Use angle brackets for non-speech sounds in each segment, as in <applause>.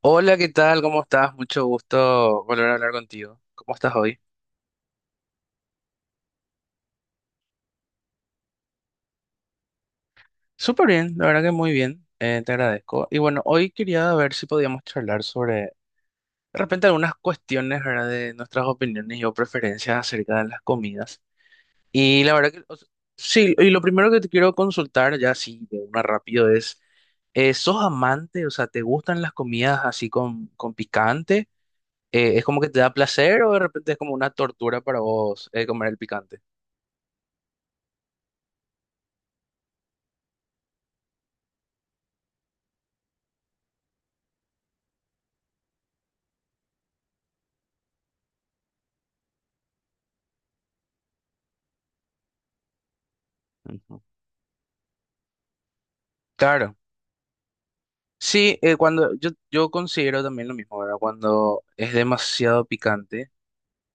Hola, ¿qué tal? ¿Cómo estás? Mucho gusto volver a hablar contigo. ¿Cómo estás hoy? Súper bien, la verdad que muy bien. Te agradezco. Y bueno, hoy quería ver si podíamos charlar sobre de repente algunas cuestiones, ¿verdad? De nuestras opiniones y o preferencias acerca de las comidas. Y la verdad que, sí, y lo primero que te quiero consultar, ya así de una rápido, es... ¿Sos amante? O sea, ¿te gustan las comidas así con picante? ¿Es como que te da placer o de repente es como una tortura para vos comer el picante? Claro, sí, cuando yo considero también lo mismo, ¿verdad? Cuando es demasiado picante,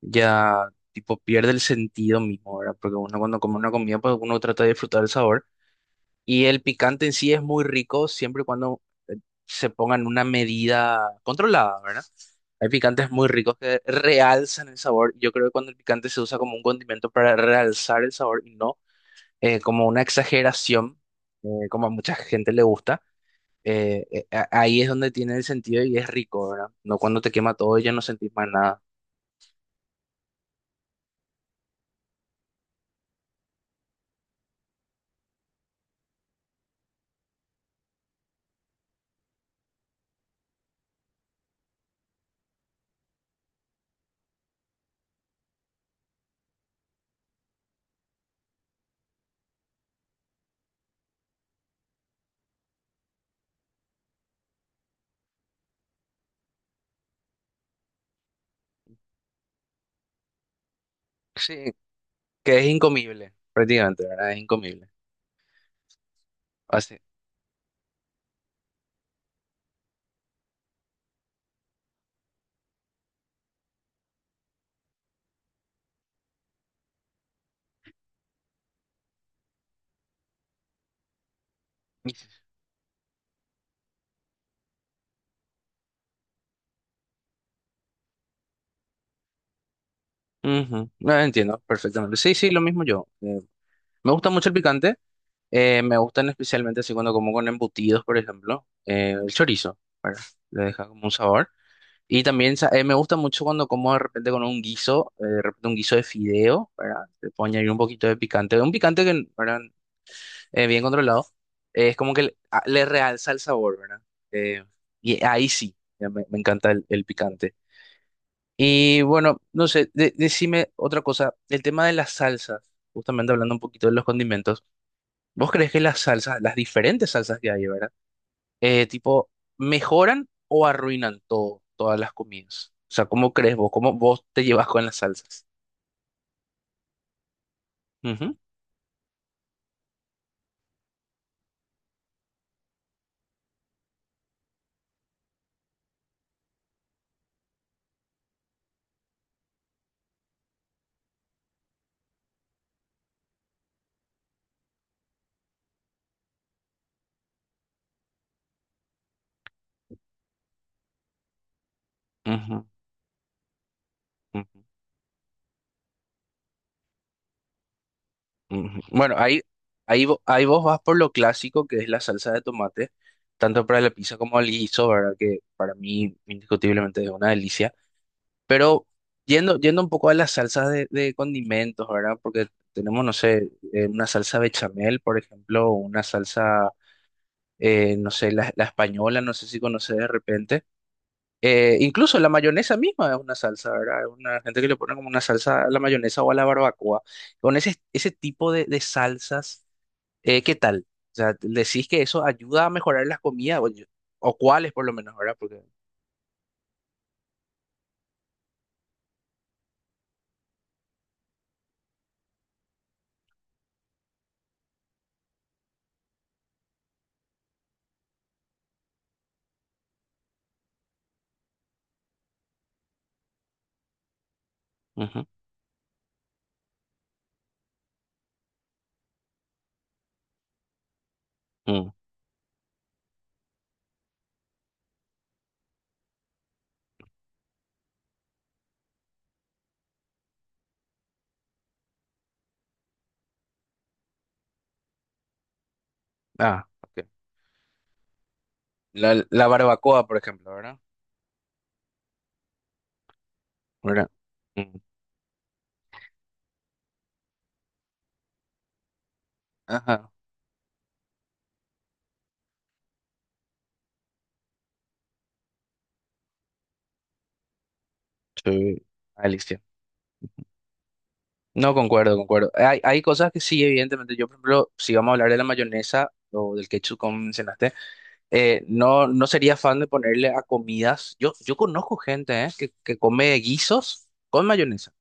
ya tipo pierde el sentido mismo, ¿verdad? Porque uno cuando come una comida, pues uno trata de disfrutar el sabor. Y el picante en sí es muy rico siempre y cuando eh, se ponga en una medida controlada, ¿verdad? Hay picantes muy ricos que realzan el sabor. Yo creo que cuando el picante se usa como un condimento para realzar el sabor y no como una exageración, como a mucha gente le gusta. Ahí es donde tiene el sentido y es rico, ¿verdad? No cuando te quema todo y ya no sentís más nada. Sí, que es incomible, prácticamente, ¿verdad? Es incomible. Así. Ujú, no entiendo perfectamente. Sí, sí, lo mismo yo. Me gusta mucho el picante. Me gustan especialmente así cuando como con embutidos, por ejemplo. El chorizo, ¿verdad? Le deja como un sabor. Y también me gusta mucho cuando como de repente con un guiso, de repente un guiso de fideo, ¿verdad? Le puedo añadir un poquito de picante. Un picante que, ¿verdad? Bien controlado, es como que le realza el sabor, ¿verdad? Eh, y ahí sí, ya me encanta el picante. Y bueno, no sé, decime otra cosa, el tema de las salsas, justamente hablando un poquito de los condimentos, ¿vos crees que las salsas, las diferentes salsas que hay, ¿verdad? Eh, tipo, ¿Mejoran o arruinan todas las comidas? O sea, ¿cómo crees vos? ¿Cómo vos te llevas con las salsas? Ujú, ujú, ujú. Ujú. Bueno, ahí vos vas por lo clásico que es la salsa de tomate, tanto para la pizza como el guiso, ¿verdad? Que para mí indiscutiblemente es una delicia. Pero yendo un poco a las salsas de condimentos, ¿verdad? Porque tenemos, no sé, una salsa bechamel, por ejemplo, o una salsa, no sé, la española, no sé si conoces de repente. Incluso la mayonesa misma es una salsa, ¿verdad? Hay una gente que le pone como una salsa a la mayonesa o a la barbacoa. Con ese tipo de salsas. ¿Qué tal? O sea, ¿decís que eso ayuda a mejorar las comidas, o cuáles por lo menos, ¿verdad? Porque... Ujú, mm. Ah, ok. La barbacoa, por ejemplo, ¿verdad? ¿Verdad? Mm. Ajá. Sí. Alicia. No, concuerdo, concuerdo. Hay cosas que sí, evidentemente. Yo, por ejemplo, si vamos a hablar de la mayonesa o del ketchup, como mencionaste, no, no sería fan de ponerle a comidas. Yo conozco gente, que come guisos con mayonesa.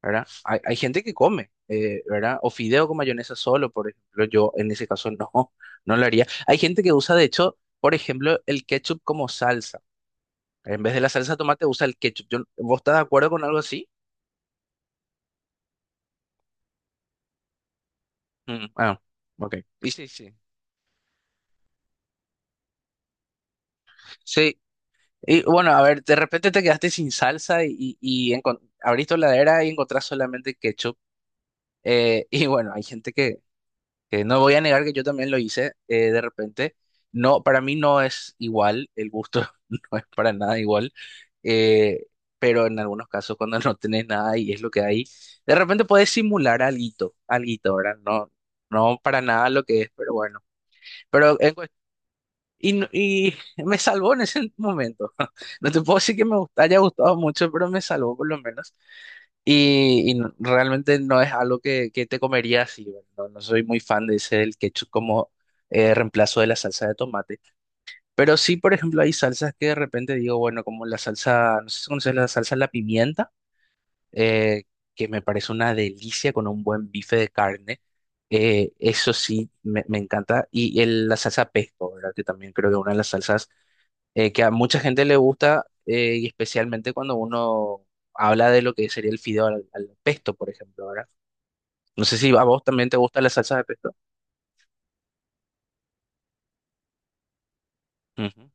¿Verdad? Hay gente que come, ¿verdad? O fideo con mayonesa solo, por ejemplo, yo en ese caso no, <laughs> no lo haría. Hay gente que usa, de hecho, por ejemplo, el ketchup como salsa. En vez de la salsa de tomate usa el ketchup. ¿Vos estás de acuerdo con algo así? Mm, ah, ok. Y sí, sí. Sí, y bueno, a ver, de repente te quedaste sin salsa y abrís tu heladera y encontrás solamente ketchup. <laughs> Y bueno, hay gente que no voy a negar que yo también lo hice de repente. No, para mí no es igual, el gusto <laughs> no es para nada igual, eh, pero en algunos casos cuando no tenés nada y es lo que hay, de repente puedes simular alguito, alguito, ¿verdad? No, no para nada lo que es, pero bueno. Pero en y, no- y me salvó en ese momento. <laughs> No te puedo decir que me haya gustado mucho, pero me salvó por lo menos. Y realmente no es algo que te comería así, ¿verdad? No, no soy muy fan de ese el ketchup como reemplazo de la salsa de tomate. Pero sí, por ejemplo, hay salsas que de repente digo, bueno, como la salsa, no sé si conoces la salsa de la pimienta, eh, que me parece una delicia con un buen bife de carne. Eso sí, me encanta. Y la salsa pesto, ¿verdad? Que también creo que es una de las salsas que a mucha gente le gusta, y especialmente cuando uno habla de lo que sería el fideo al pesto, por ejemplo, ¿verdad? No sé si a vos también te gusta la salsa de pesto. Ujú.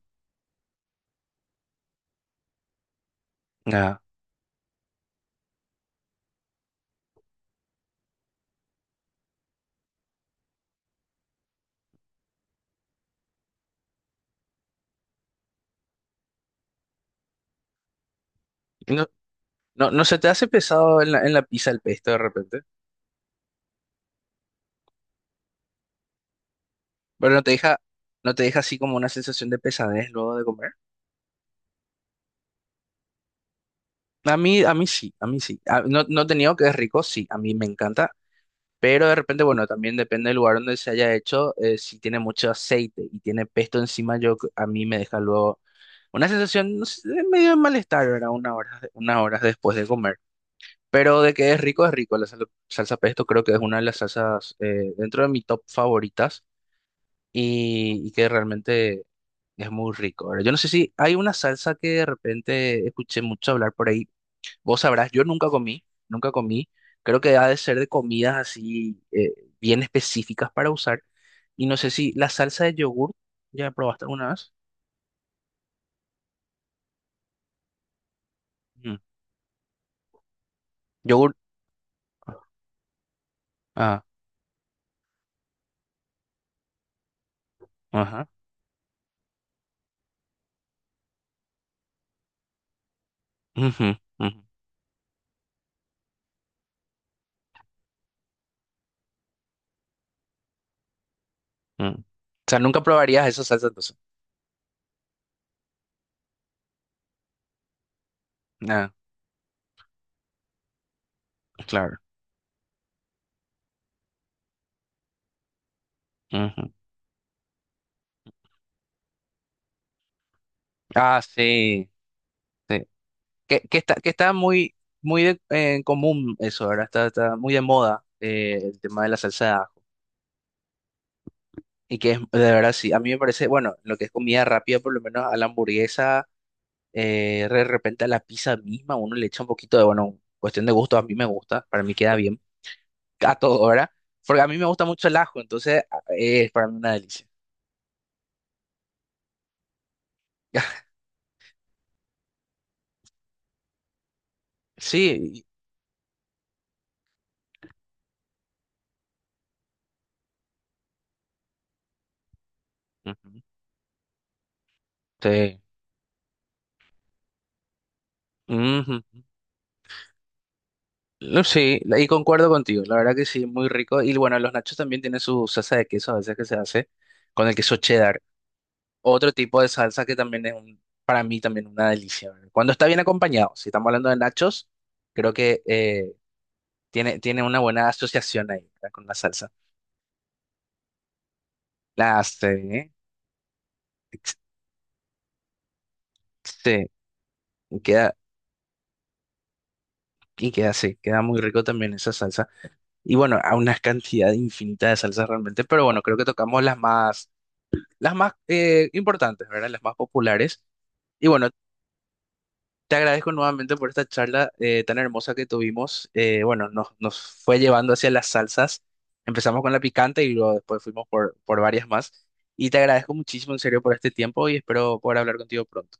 Ah. Y no, no, ¿no se te hace pesado en en la pizza el pesto de repente, pero no te deja, no te deja así como una sensación de pesadez luego de comer? A mí sí, a mí sí. No, no te niego que es rico, sí, a mí me encanta. Pero de repente, bueno, también depende del lugar donde se haya hecho. Si tiene mucho aceite y tiene pesto encima, yo a mí me deja luego una sensación no sé, de medio de malestar, ¿verdad? Una hora, unas horas después de comer. Pero de que es rico, es rico. La salsa pesto creo que es una de las salsas dentro de mi top favoritas y que realmente es muy rico. Ahora yo no sé si hay una salsa que de repente escuché mucho hablar por ahí. Vos sabrás, yo nunca comí, nunca comí. Creo que ha de ser de comidas así bien específicas para usar. Y no sé si la salsa de yogur, ¿ya probaste alguna vez? Mm. Yogur, ah, ajá. Ujú, ujú, mm. O sea, nunca probarías esa salsa entonces. Ah, claro. Ujú. Ah, sí, sí. Que está muy, en común eso, ahora está, está muy de moda el tema de la salsa. Y que es, de verdad, sí, a mí me parece, bueno, lo que es comida rápida, por lo menos a la hamburguesa, de repente a la pizza misma, uno le echa un poquito de, bueno, cuestión de gusto, a mí me gusta, para mí queda bien, <laughs> a todo, ¿verdad? Porque a mí me gusta mucho el ajo, entonces es para mí una delicia. <laughs> Sí, y- ujú, sí. Ujú. No, sí, y concuerdo contigo, la verdad que sí, muy rico. Y bueno, los nachos también tienen su salsa de queso a veces que se hace con el queso cheddar. Otro tipo de salsa que también es para mí también una delicia. ¿Verdad? Cuando está bien acompañado, si estamos hablando de nachos, creo que tiene, tiene una buena asociación ahí, ¿verdad? Con la salsa. La hace, ¿eh? Ex- Sí, y queda, y queda así, queda muy rico también esa salsa. Y bueno, a una cantidad infinita de salsas realmente, pero bueno, creo que tocamos las más importantes, ¿verdad? Las más populares. Y bueno, te agradezco nuevamente por esta charla tan hermosa que tuvimos. Bueno, nos fue llevando hacia las salsas. Empezamos con la picante y luego después fuimos por varias más. Y te agradezco muchísimo, en serio, por este tiempo y espero poder hablar contigo pronto.